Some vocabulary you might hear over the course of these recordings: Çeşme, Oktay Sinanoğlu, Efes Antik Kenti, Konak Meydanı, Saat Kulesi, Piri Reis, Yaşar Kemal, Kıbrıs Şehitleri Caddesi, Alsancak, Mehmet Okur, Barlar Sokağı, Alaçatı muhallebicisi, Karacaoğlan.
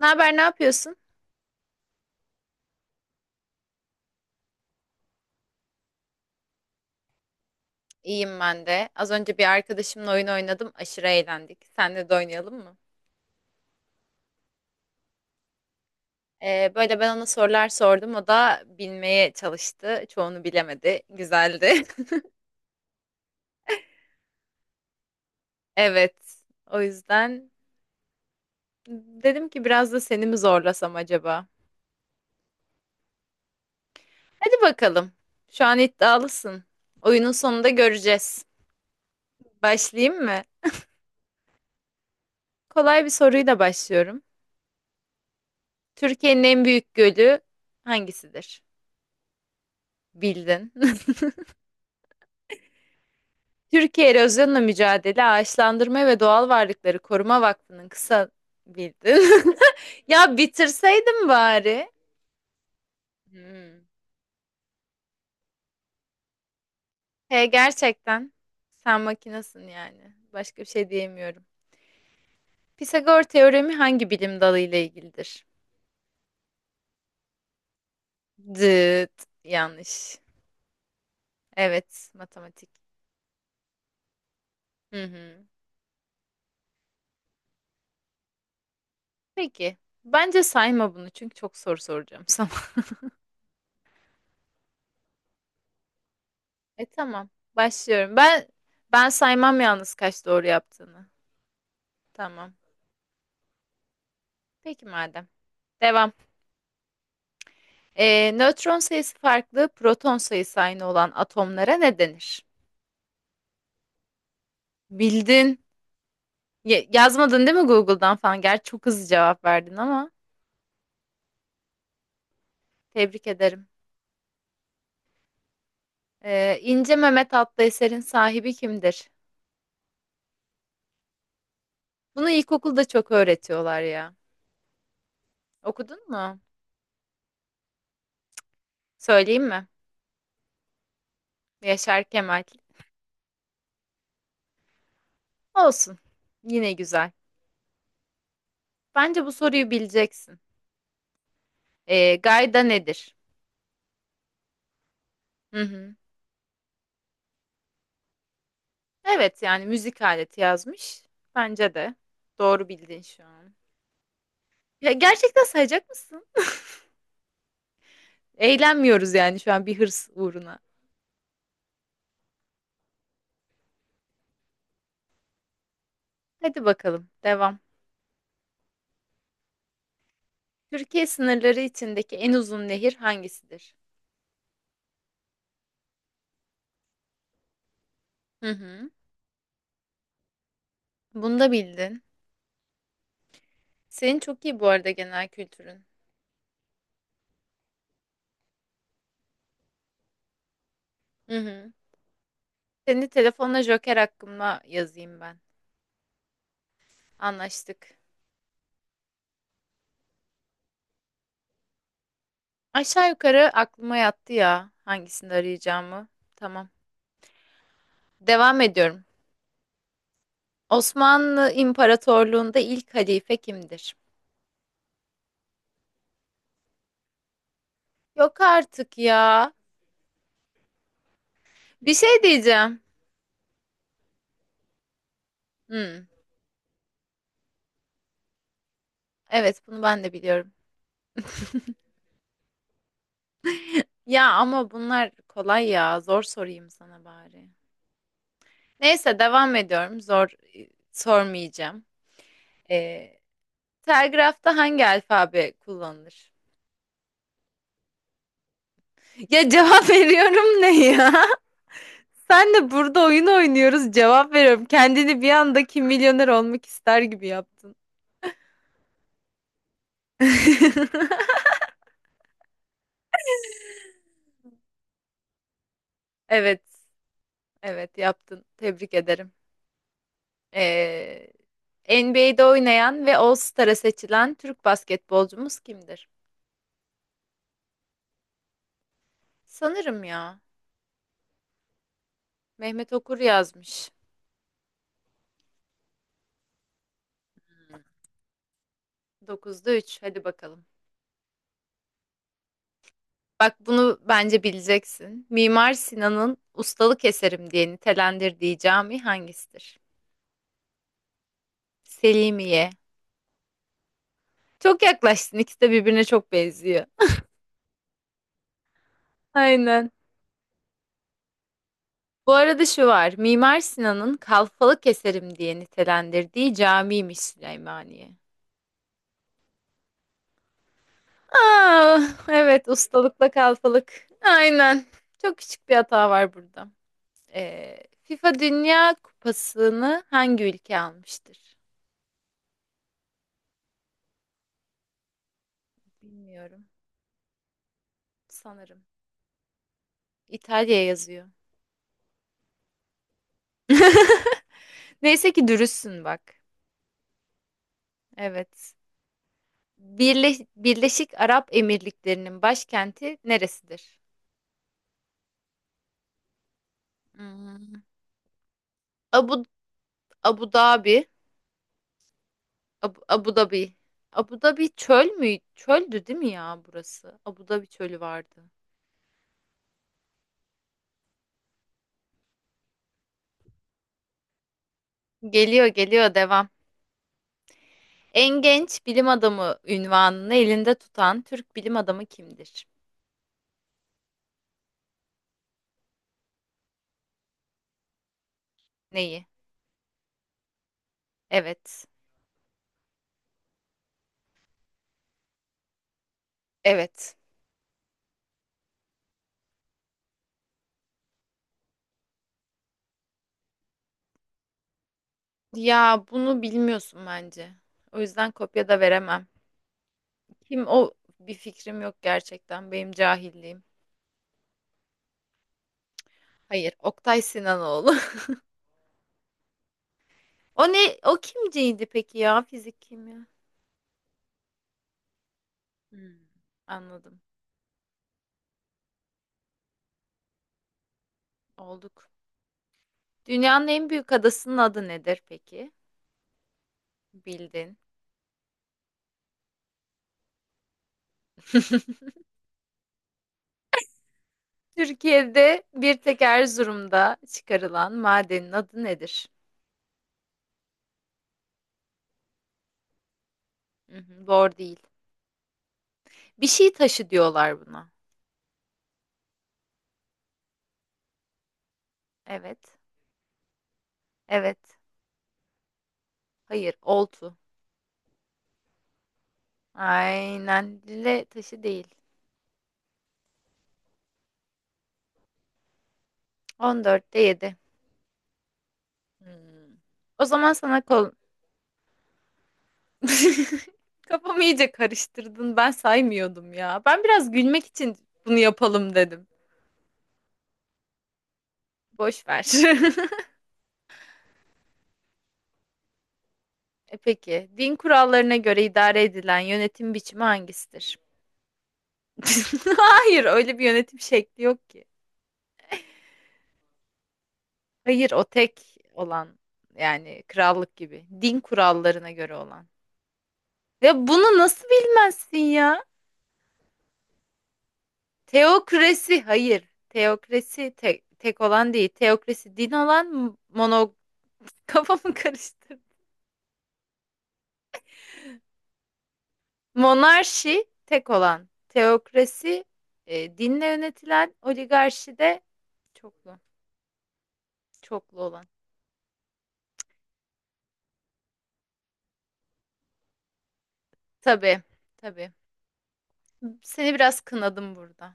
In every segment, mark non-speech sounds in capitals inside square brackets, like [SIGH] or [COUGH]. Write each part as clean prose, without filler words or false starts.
Ne haber, ne yapıyorsun? İyiyim ben de. Az önce bir arkadaşımla oyun oynadım. Aşırı eğlendik. Senle de oynayalım mı? Böyle ben ona sorular sordum. O da bilmeye çalıştı. Çoğunu bilemedi. Güzeldi. [LAUGHS] Evet. O yüzden dedim ki biraz da seni mi zorlasam acaba? Hadi bakalım. Şu an iddialısın. Oyunun sonunda göreceğiz. Başlayayım mı? Kolay bir soruyla başlıyorum. Türkiye'nin en büyük gölü hangisidir? Bildin. Türkiye Erozyonla Mücadele Ağaçlandırma ve Doğal Varlıkları Koruma Vakfı'nın kısa bildin. [LAUGHS] Ya bitirseydim bari. Hmm. He gerçekten sen makinasın yani. Başka bir şey diyemiyorum. Pisagor teoremi hangi bilim dalı ile ilgilidir? Dıt. Yanlış. Evet, matematik. Hı hı. Peki. Bence sayma bunu çünkü çok soru soracağım sana. [LAUGHS] E tamam. Başlıyorum. Ben saymam yalnız kaç doğru yaptığını. Tamam. Peki madem. Devam. Nötron sayısı farklı, proton sayısı aynı olan atomlara ne denir? Bildin. Yazmadın değil mi Google'dan falan? Gerçi çok hızlı cevap verdin ama tebrik ederim. İnce Mehmet adlı eserin sahibi kimdir? Bunu ilkokulda çok öğretiyorlar ya. Okudun mu? Söyleyeyim mi? Yaşar Kemal. Olsun. Yine güzel. Bence bu soruyu bileceksin. Gayda nedir? Hı hı. Evet yani müzik aleti yazmış. Bence de. Doğru bildin şu an. Ya gerçekten sayacak mısın? Eğlenmiyoruz yani şu an bir hırs uğruna. Hadi bakalım devam. Türkiye sınırları içindeki en uzun nehir hangisidir? Hı hı. Bunu da bildin. Senin çok iyi bu arada genel kültürün. Hı hı. Seni telefonla Joker hakkında yazayım ben. Anlaştık. Aşağı yukarı aklıma yattı ya hangisini arayacağımı. Tamam. Devam ediyorum. Osmanlı İmparatorluğu'nda ilk halife kimdir? Yok artık ya. Bir şey diyeceğim. Hmm, evet bunu ben de biliyorum. Ya ama bunlar kolay ya. Zor sorayım sana bari. Neyse devam ediyorum. Zor sormayacağım. Ee, Telgrafta hangi alfabe kullanılır? Ya cevap [LAUGHS] veriyorum ne ya? Sen de burada oyun oynuyoruz cevap veriyorum. Kendini bir anda Kim Milyoner olmak ister gibi yaptın. [LAUGHS] Evet. Evet yaptın. Tebrik ederim. Ee, NBA'de oynayan ve All-Star'a seçilen Türk basketbolcumuz kimdir? Sanırım ya. Mehmet Okur yazmış. Dokuzda üç. Hadi bakalım. Bak bunu bence bileceksin. Mimar Sinan'ın ustalık eserim diye nitelendirdiği cami hangisidir? Selimiye. Çok yaklaştın. İkisi de birbirine çok benziyor. Aynen. Bu arada şu var. Mimar Sinan'ın Kalfalık eserim diye nitelendirdiği camiymiş Süleymaniye. Aa, evet ustalıkla kalfalık. Aynen. Çok küçük bir hata var burada. FIFA Dünya Kupası'nı hangi ülke almıştır? Bilmiyorum. Sanırım. İtalya yazıyor. [LAUGHS] Neyse ki dürüstsün bak. Evet. Birleşik Arap Emirlikleri'nin başkenti neresidir? Hmm. Abu Abu Dhabi. Abu Dhabi. Abu Dhabi çöl mü? Çöldü değil mi ya burası? Abu Dhabi çölü vardı. Geliyor geliyor devam. En genç bilim adamı ünvanını elinde tutan Türk bilim adamı kimdir? Neyi? Evet. Evet. Ya bunu bilmiyorsun bence. O yüzden kopya da veremem. Kim o bir fikrim yok gerçekten. Benim cahilliğim. Hayır, Oktay Sinanoğlu. [LAUGHS] O ne? O kimciydi peki ya? Fizik kimya. Hmm, anladım. Olduk. Dünyanın en büyük adasının adı nedir peki? Bildin. [LAUGHS] Türkiye'de bir tek Erzurum'da çıkarılan madenin adı nedir? Hı hı, doğru değil. Bir şey taşı diyorlar buna. Evet. Evet. Hayır. Oltu. Aynen. Lüle taşı değil. 14'te 7. O zaman sana kol... [LAUGHS] Kafamı iyice karıştırdın. Ben saymıyordum ya. Ben biraz gülmek için bunu yapalım dedim. Boş ver. [LAUGHS] E peki, din kurallarına göre idare edilen yönetim biçimi hangisidir? [LAUGHS] Hayır, öyle bir yönetim şekli yok ki. Hayır, o tek olan yani krallık gibi. Din kurallarına göre olan. Ve bunu nasıl bilmezsin ya? Teokrasi, hayır. Tek olan değil. Teokrasi din olan mono... [LAUGHS] Kafamı karıştırdım. Monarşi tek olan. Teokrasi dinle yönetilen. Oligarşi de çoklu. Çoklu olan. Tabii, tabii. Seni biraz kınadım burada.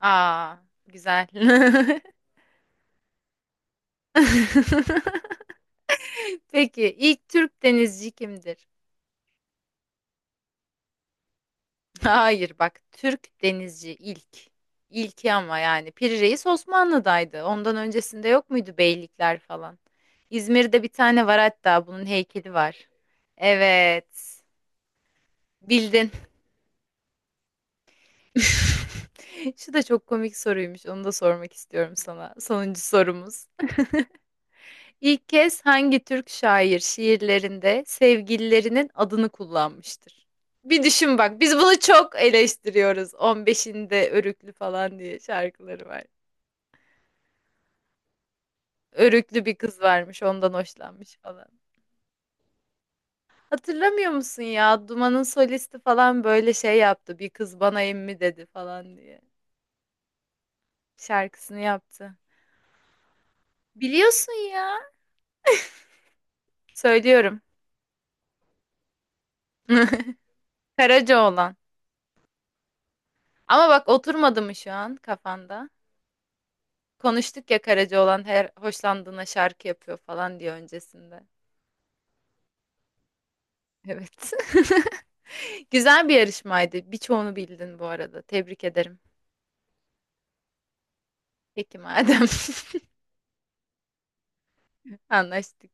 Aa, güzel. [LAUGHS] Peki ilk Türk denizci kimdir? Hayır bak Türk denizci ilk. İlki ama yani Piri Reis Osmanlı'daydı. Ondan öncesinde yok muydu beylikler falan? İzmir'de bir tane var hatta bunun heykeli var. Evet. Bildin. [LAUGHS] Şu da çok komik soruymuş. Onu da sormak istiyorum sana. Sonuncu sorumuz. İlk kez hangi Türk şair şiirlerinde sevgililerinin adını kullanmıştır? Bir düşün bak, biz bunu çok eleştiriyoruz. 15'inde Örüklü falan diye şarkıları var. Örüklü bir kız varmış, ondan hoşlanmış falan. Hatırlamıyor musun ya? Duman'ın solisti falan böyle şey yaptı. Bir kız bana emmi dedi falan diye. Şarkısını yaptı. Biliyorsun ya. Söylüyorum. [LAUGHS] Karacaoğlan. Ama bak oturmadı mı şu an kafanda? Konuştuk ya Karacaoğlan her hoşlandığına şarkı yapıyor falan diye öncesinde. Evet. [LAUGHS] Güzel bir yarışmaydı. Birçoğunu bildin bu arada. Tebrik ederim. Peki madem. [LAUGHS] Anlaştık.